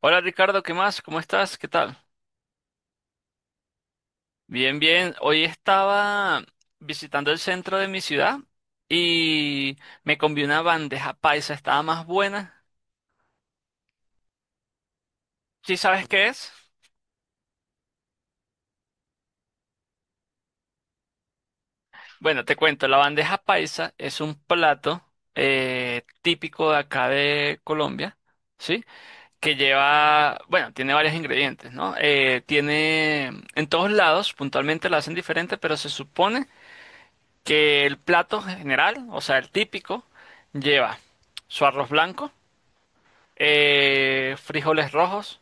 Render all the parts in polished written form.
Hola Ricardo, ¿qué más? ¿Cómo estás? ¿Qué tal? Bien, bien. Hoy estaba visitando el centro de mi ciudad y me comí una bandeja paisa, estaba más buena. ¿Sí sabes qué es? Bueno, te cuento, la bandeja paisa es un plato típico de acá de Colombia, ¿sí? Que lleva, bueno, tiene varios ingredientes, ¿no? Tiene, en todos lados, puntualmente la hacen diferente, pero se supone que el plato general, o sea, el típico, lleva su arroz blanco, frijoles rojos,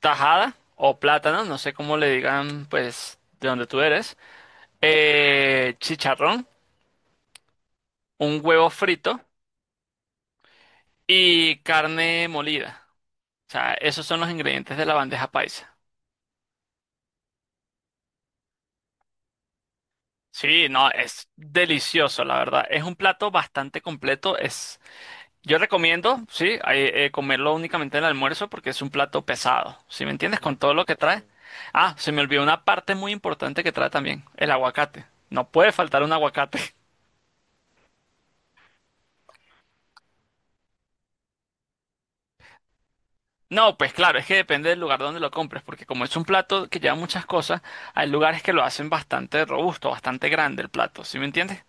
tajada o plátano, no sé cómo le digan, pues, de donde tú eres, chicharrón, un huevo frito y carne molida. O sea, esos son los ingredientes de la bandeja paisa. Sí, no, es delicioso, la verdad. Es un plato bastante completo, es. Yo recomiendo, sí, comerlo únicamente en el almuerzo porque es un plato pesado, ¿sí me entiendes? Con todo lo que trae. Ah, se me olvidó una parte muy importante que trae también, el aguacate. No puede faltar un aguacate. No, pues claro, es que depende del lugar donde lo compres, porque como es un plato que lleva muchas cosas, hay lugares que lo hacen bastante robusto, bastante grande el plato, ¿sí me entiendes?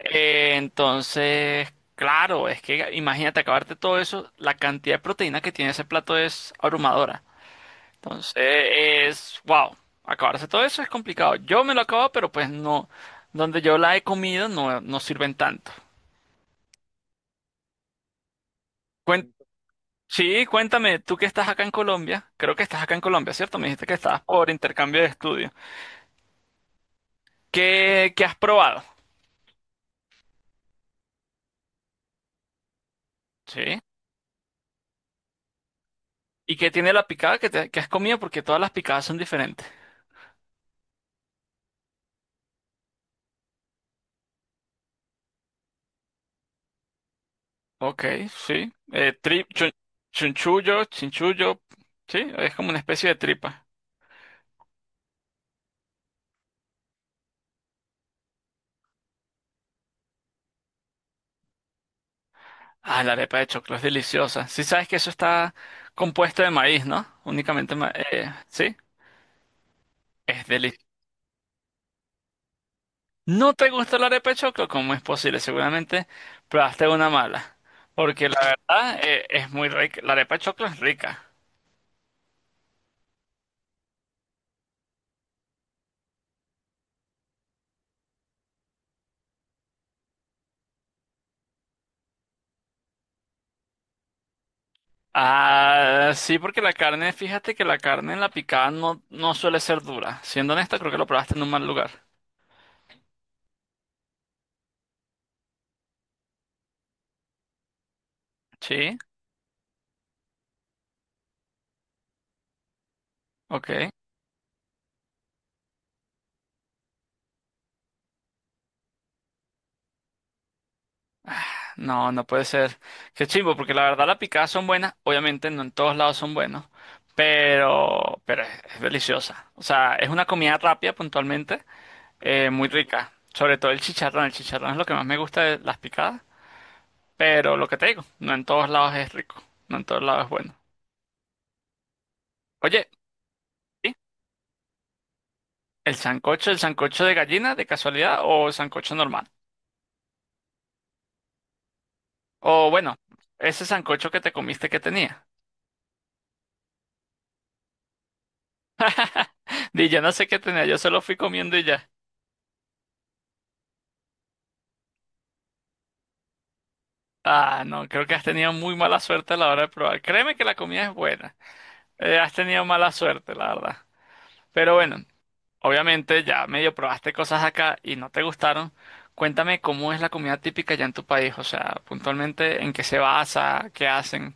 Entonces, claro, es que imagínate acabarte todo eso, la cantidad de proteína que tiene ese plato es abrumadora. Entonces, es, wow, acabarse todo eso es complicado. Yo me lo acabo, pero pues no, donde yo la he comido no, no sirven tanto. Cuen- sí, cuéntame, tú que estás acá en Colombia, creo que estás acá en Colombia, ¿cierto? Me dijiste que estabas por intercambio de estudio. ¿Qué, qué has probado? Sí. ¿Y qué tiene la picada que, que has comido? Porque todas las picadas son diferentes. Ok, sí. Chunchullo, chinchullo, sí, es como una especie de tripa. Ah, la arepa de choclo es deliciosa. Sí sabes que eso está compuesto de maíz, ¿no? Únicamente sí, es delicioso. ¿No te gusta la arepa de choclo? ¿Cómo es posible? Seguramente probaste una mala. Porque la verdad es muy rica. La arepa de choclo es rica. Ah, sí, porque la carne, fíjate que la carne en la picada no, no suele ser dura. Siendo honesta, creo que lo probaste en un mal lugar. Sí, ok. No, no puede ser. Qué chimbo, porque la verdad las picadas son buenas. Obviamente no en todos lados son buenos, pero es deliciosa. O sea, es una comida rápida puntualmente, muy rica. Sobre todo el chicharrón. El chicharrón es lo que más me gusta de las picadas, pero lo que te digo, no en todos lados es rico, no en todos lados es bueno. Oye, ¿sí? El sancocho de gallina de casualidad o el sancocho normal? O bueno, ese sancocho que te comiste que tenía. Di yo no sé qué tenía, yo solo fui comiendo y ya. Ah, no, creo que has tenido muy mala suerte a la hora de probar. Créeme que la comida es buena. Has tenido mala suerte, la verdad. Pero bueno, obviamente ya medio probaste cosas acá y no te gustaron. Cuéntame cómo es la comida típica ya en tu país, o sea, puntualmente en qué se basa, qué hacen.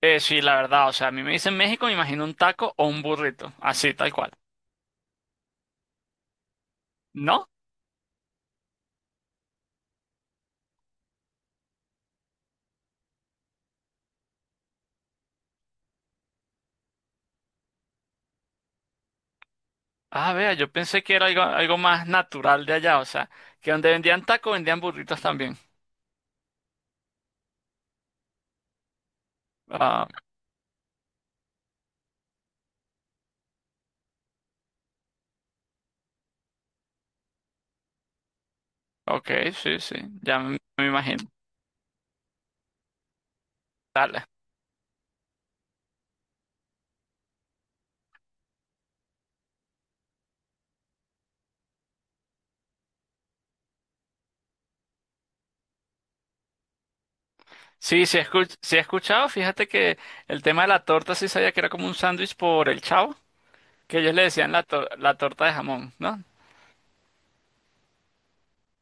Sí, la verdad, o sea, a mí me dicen México, me imagino un taco o un burrito, así, tal cual. ¿No? Ah, vea, yo pensé que era algo, algo más natural de allá, o sea, que donde vendían tacos vendían burritos también. Ah, ok, sí, sí, ya me imagino. Dale. Sí, sí, sí he escuchado. Fíjate que el tema de la torta sí sabía que era como un sándwich por el Chavo, que ellos le decían la, la torta de jamón, ¿no?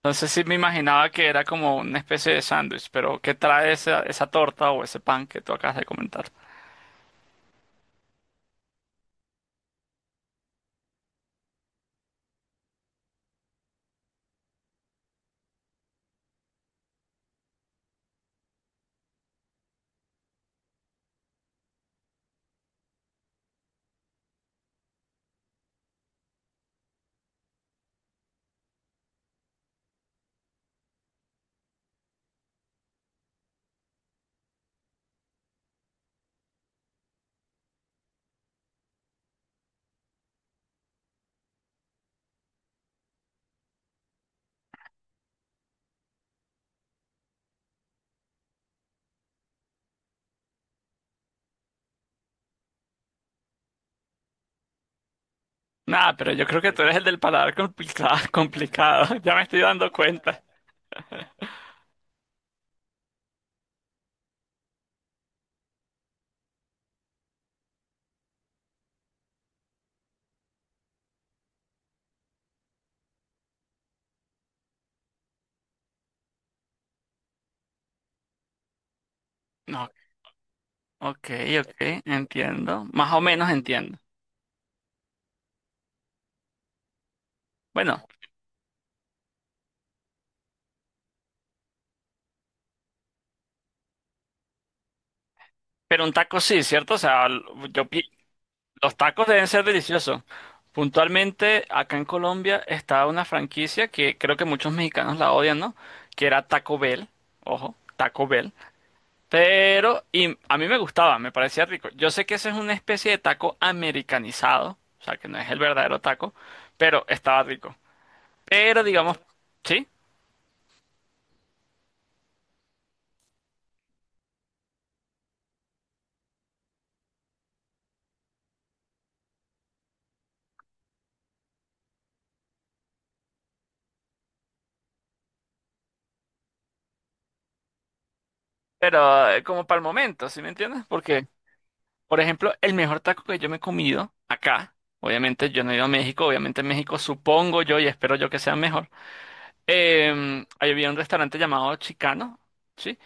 Entonces sí me imaginaba que era como una especie de sándwich, pero ¿qué trae esa, esa torta o ese pan que tú acabas de comentar? Nada, pero yo creo que tú eres el del paladar complicado, complicado. Ya me estoy dando cuenta. No, ok, ok, entiendo. Más o menos entiendo. Bueno, pero un taco sí, ¿cierto? O sea, yo, pi- los tacos deben ser deliciosos. Puntualmente, acá en Colombia está una franquicia que creo que muchos mexicanos la odian, ¿no? Que era Taco Bell. Ojo, Taco Bell. Pero, y a mí me gustaba, me parecía rico. Yo sé que ese es una especie de taco americanizado, o sea, que no es el verdadero taco, pero estaba rico. Pero, digamos, sí, pero como para el momento, ¿sí me entiendes? Porque, por ejemplo, el mejor taco que yo me he comido acá, obviamente yo no he ido a México, obviamente en México supongo yo y espero yo que sea mejor. Ahí había un restaurante llamado Chicano, ¿sí?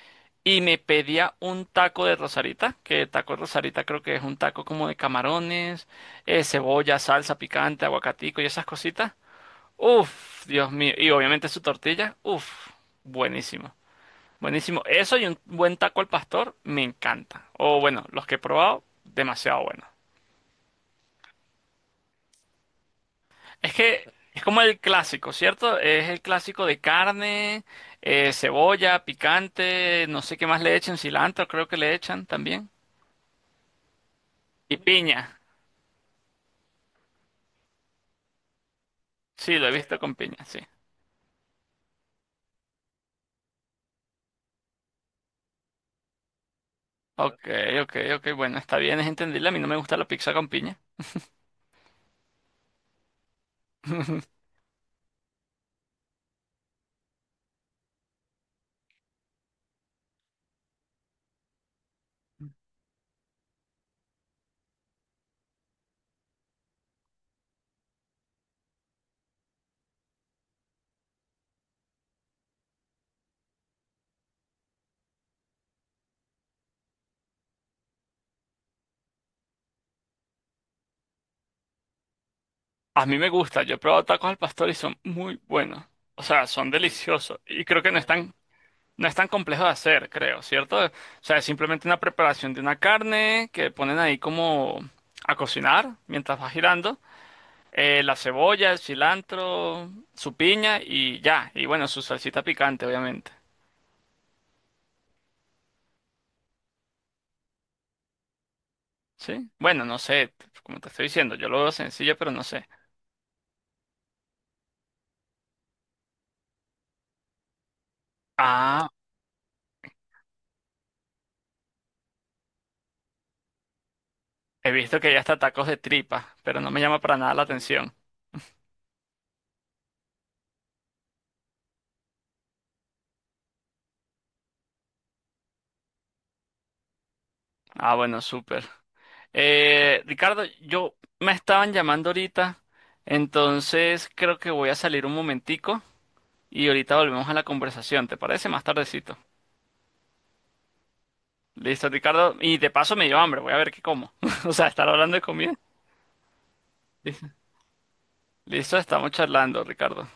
Y me pedía un taco de rosarita, que taco de rosarita creo que es un taco como de camarones, cebolla, salsa picante, aguacatico y esas cositas. Uf, Dios mío. Y obviamente su tortilla, uf, buenísimo. Buenísimo. Eso y un buen taco al pastor, me encanta. O bueno, los que he probado, demasiado bueno. Es que es como el clásico, ¿cierto? Es el clásico de carne, cebolla, picante, no sé qué más le echen, cilantro creo que le echan también. Y piña. Sí, lo he visto con piña, sí. Ok, ok, ok, bueno, está bien, es entendible. A mí no me gusta la pizza con piña. A mí me gusta, yo he probado tacos al pastor y son muy buenos. O sea, son deliciosos. Y creo que no están. No es tan complejo de hacer, creo, ¿cierto? O sea, es simplemente una preparación de una carne que ponen ahí como a cocinar mientras va girando. La cebolla, el cilantro, su piña y ya. Y bueno, su salsita picante, obviamente. ¿Sí? Bueno, no sé, como te estoy diciendo, yo lo veo sencillo, pero no sé. Ah, he visto que hay hasta tacos de tripa, pero no me llama para nada la atención. Ah, bueno, súper. Ricardo, yo me estaban llamando ahorita, entonces creo que voy a salir un momentico y ahorita volvemos a la conversación, ¿te parece? Más tardecito. Listo, Ricardo. Y de paso me dio hambre, voy a ver qué como. O sea, estar hablando de comida. Listo, estamos charlando, Ricardo.